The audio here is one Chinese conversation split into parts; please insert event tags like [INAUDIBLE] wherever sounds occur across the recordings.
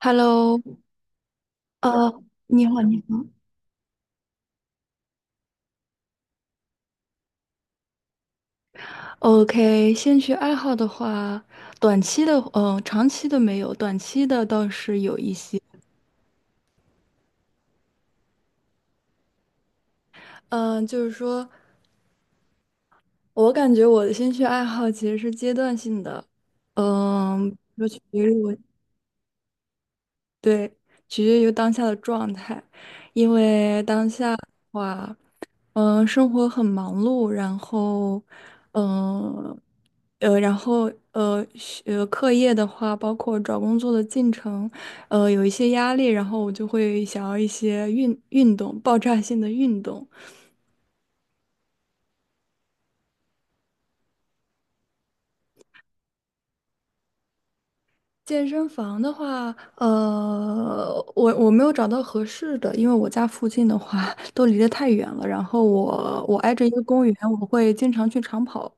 Hello，你好，你好。OK，兴趣爱好的话，短期的，长期的没有，短期的倒是有一些。嗯、就是说我感觉我的兴趣爱好其实是阶段性的，嗯、就取决于我，对，取决于当下的状态，因为当下的话。生活很忙碌，然后，呃，然后课业的话，包括找工作的进程，有一些压力，然后我就会想要一些运动，爆炸性的运动。健身房的话，我没有找到合适的，因为我家附近的话都离得太远了，然后我挨着一个公园，我会经常去长跑，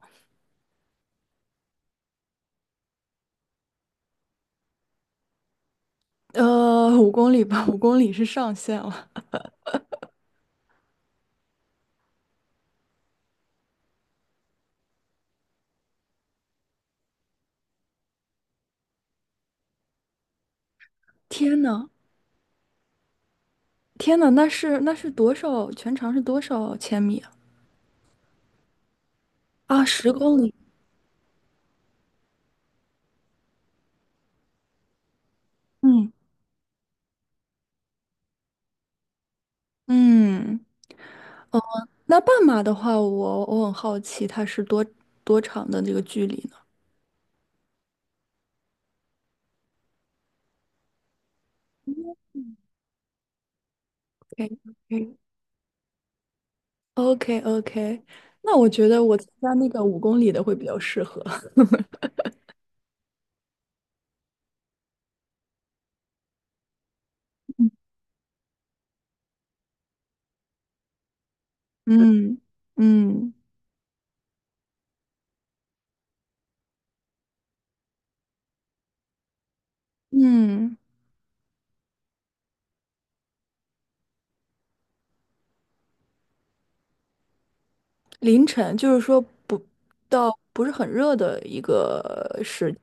五公里吧，五公里是上限了。天呐！天呐，那是多少？全长是多少千米啊？啊，10公里。嗯嗯，哦，那半马的话，我很好奇，它是多长的这个距离呢？OK OK OK，那我觉得我参加那个五公里的会比较适合。[LAUGHS] 嗯嗯嗯，凌晨就是说不到不是很热的一个时。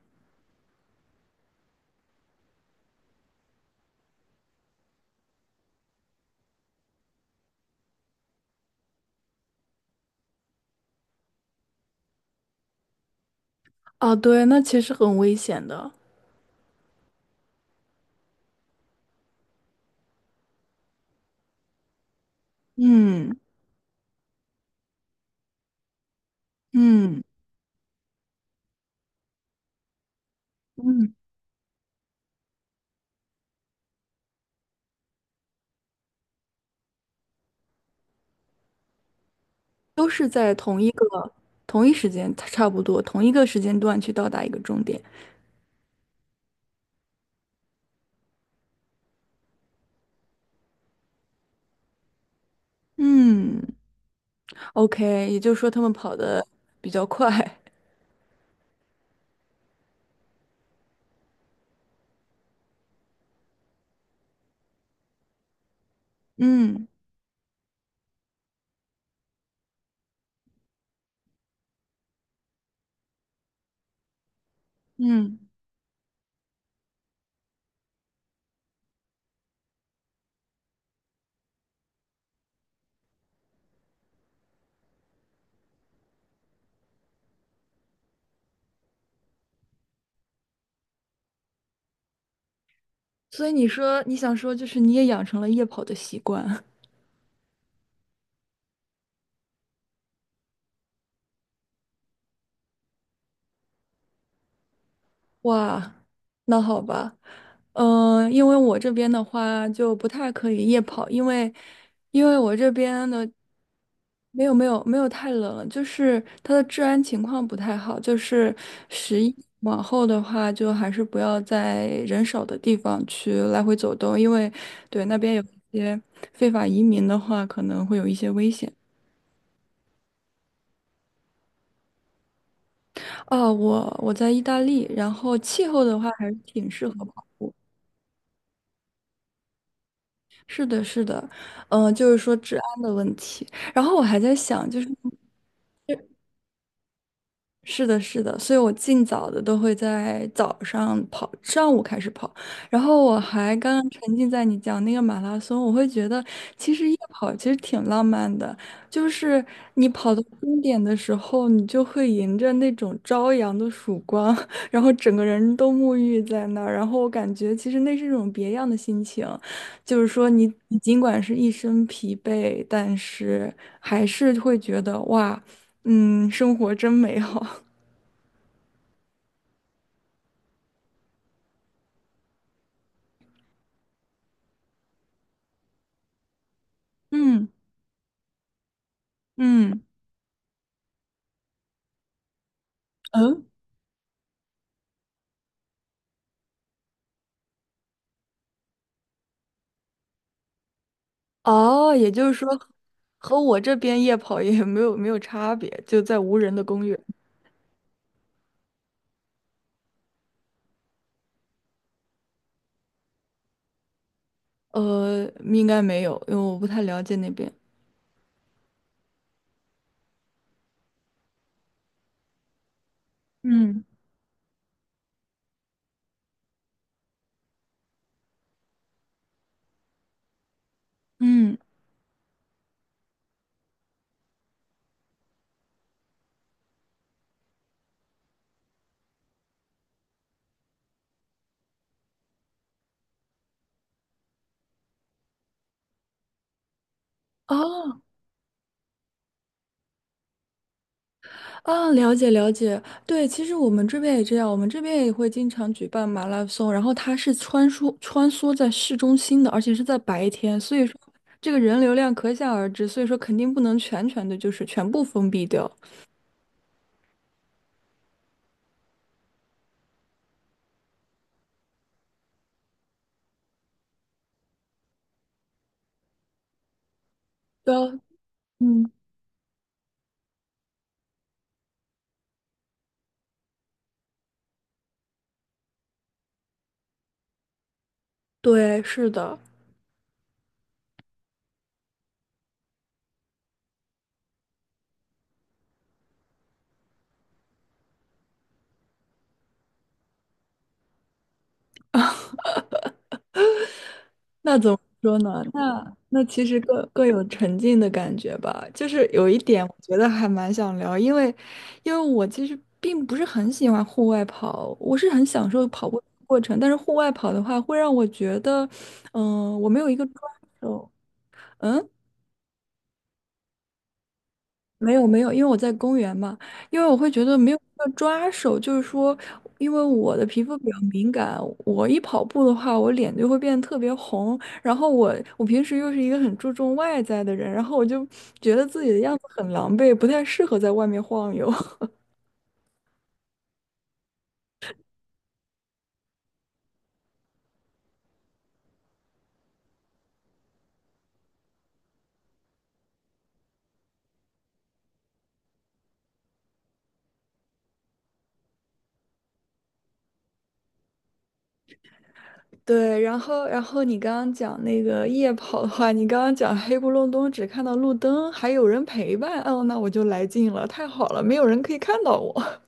哦，对，那其实很危险的。嗯嗯嗯。都是在同一时间，差不多同一个时间段去到达一个终点。嗯，OK，也就是说他们跑得比较快。[LAUGHS] 嗯嗯，所以你说你想说，就是你也养成了夜跑的习惯。哇，那好吧，因为我这边的话就不太可以夜跑，因为我这边的，没有没有没有，太冷，就是它的治安情况不太好，就是11往后的话，就还是不要在人少的地方去来回走动，因为对那边有一些非法移民的话，可能会有一些危险。哦，我在意大利，然后气候的话还是挺适合。是的，是的，就是说治安的问题。然后我还在想，就是是的，是的，所以我尽早的都会在早上跑，上午开始跑，然后我还刚刚沉浸在你讲那个马拉松，我会觉得其实夜跑其实挺浪漫的，就是你跑到终点的时候，你就会迎着那种朝阳的曙光，[LAUGHS] 然后整个人都沐浴在那儿，然后我感觉其实那是一种别样的心情，就是说你尽管是一身疲惫，但是还是会觉得哇，生活真美好。嗯嗯嗯，哦，也就是说，和我这边夜跑也没有差别，就在无人的公园。应该没有，因为我不太了解那边。嗯嗯，哦啊，了解了解。对，其实我们这边也这样，我们这边也会经常举办马拉松，然后它是穿梭穿梭在市中心的，而且是在白天，所以说这个人流量可想而知，所以说肯定不能全全的就是全部封闭掉。对啊，嗯，对，是的。那怎么说呢？那其实各各有沉浸的感觉吧。就是有一点，我觉得还蛮想聊，因为我其实并不是很喜欢户外跑，我是很享受跑步的过程，但是户外跑的话，会让我觉得，我没有一个抓手。嗯，没有没有，因为我在公园嘛，因为我会觉得没有要抓手，就是说，因为我的皮肤比较敏感，我一跑步的话，我脸就会变得特别红。然后我平时又是一个很注重外在的人，然后我就觉得自己的样子很狼狈，不太适合在外面晃悠。[LAUGHS] 对，然后你刚刚讲那个夜跑的话，你刚刚讲黑不隆冬只看到路灯，还有人陪伴，哦，那我就来劲了，太好了，没有人可以看到我。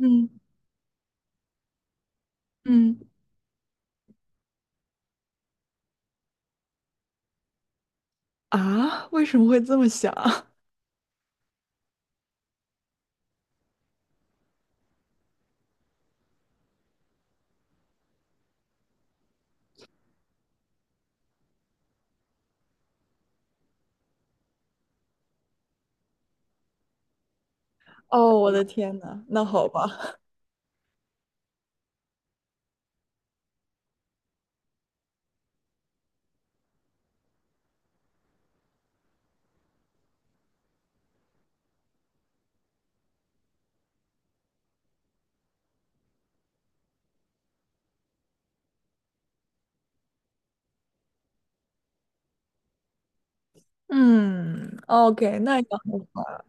[LAUGHS] 嗯嗯。啊，为什么会这么想？[LAUGHS] 哦，我的天呐，那好吧，嗯，OK，那也很好，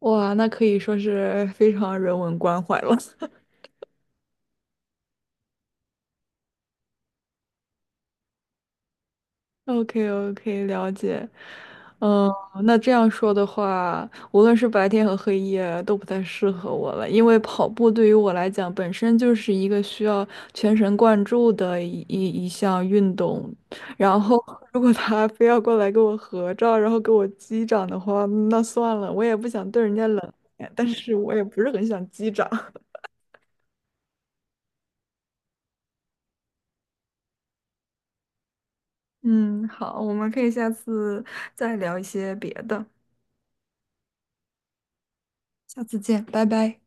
哇，那可以说是非常人文关怀了。[LAUGHS] O K O K 了解。嗯，那这样说的话，无论是白天和黑夜都不太适合我了，因为跑步对于我来讲本身就是一个需要全神贯注的一项运动，然后 [LAUGHS] 如果他非要过来跟我合照，然后给我击掌的话，那算了，我也不想对人家冷脸，但是我也不是很想击掌。[LAUGHS] 嗯，好，我们可以下次再聊一些别的。下次见，拜拜。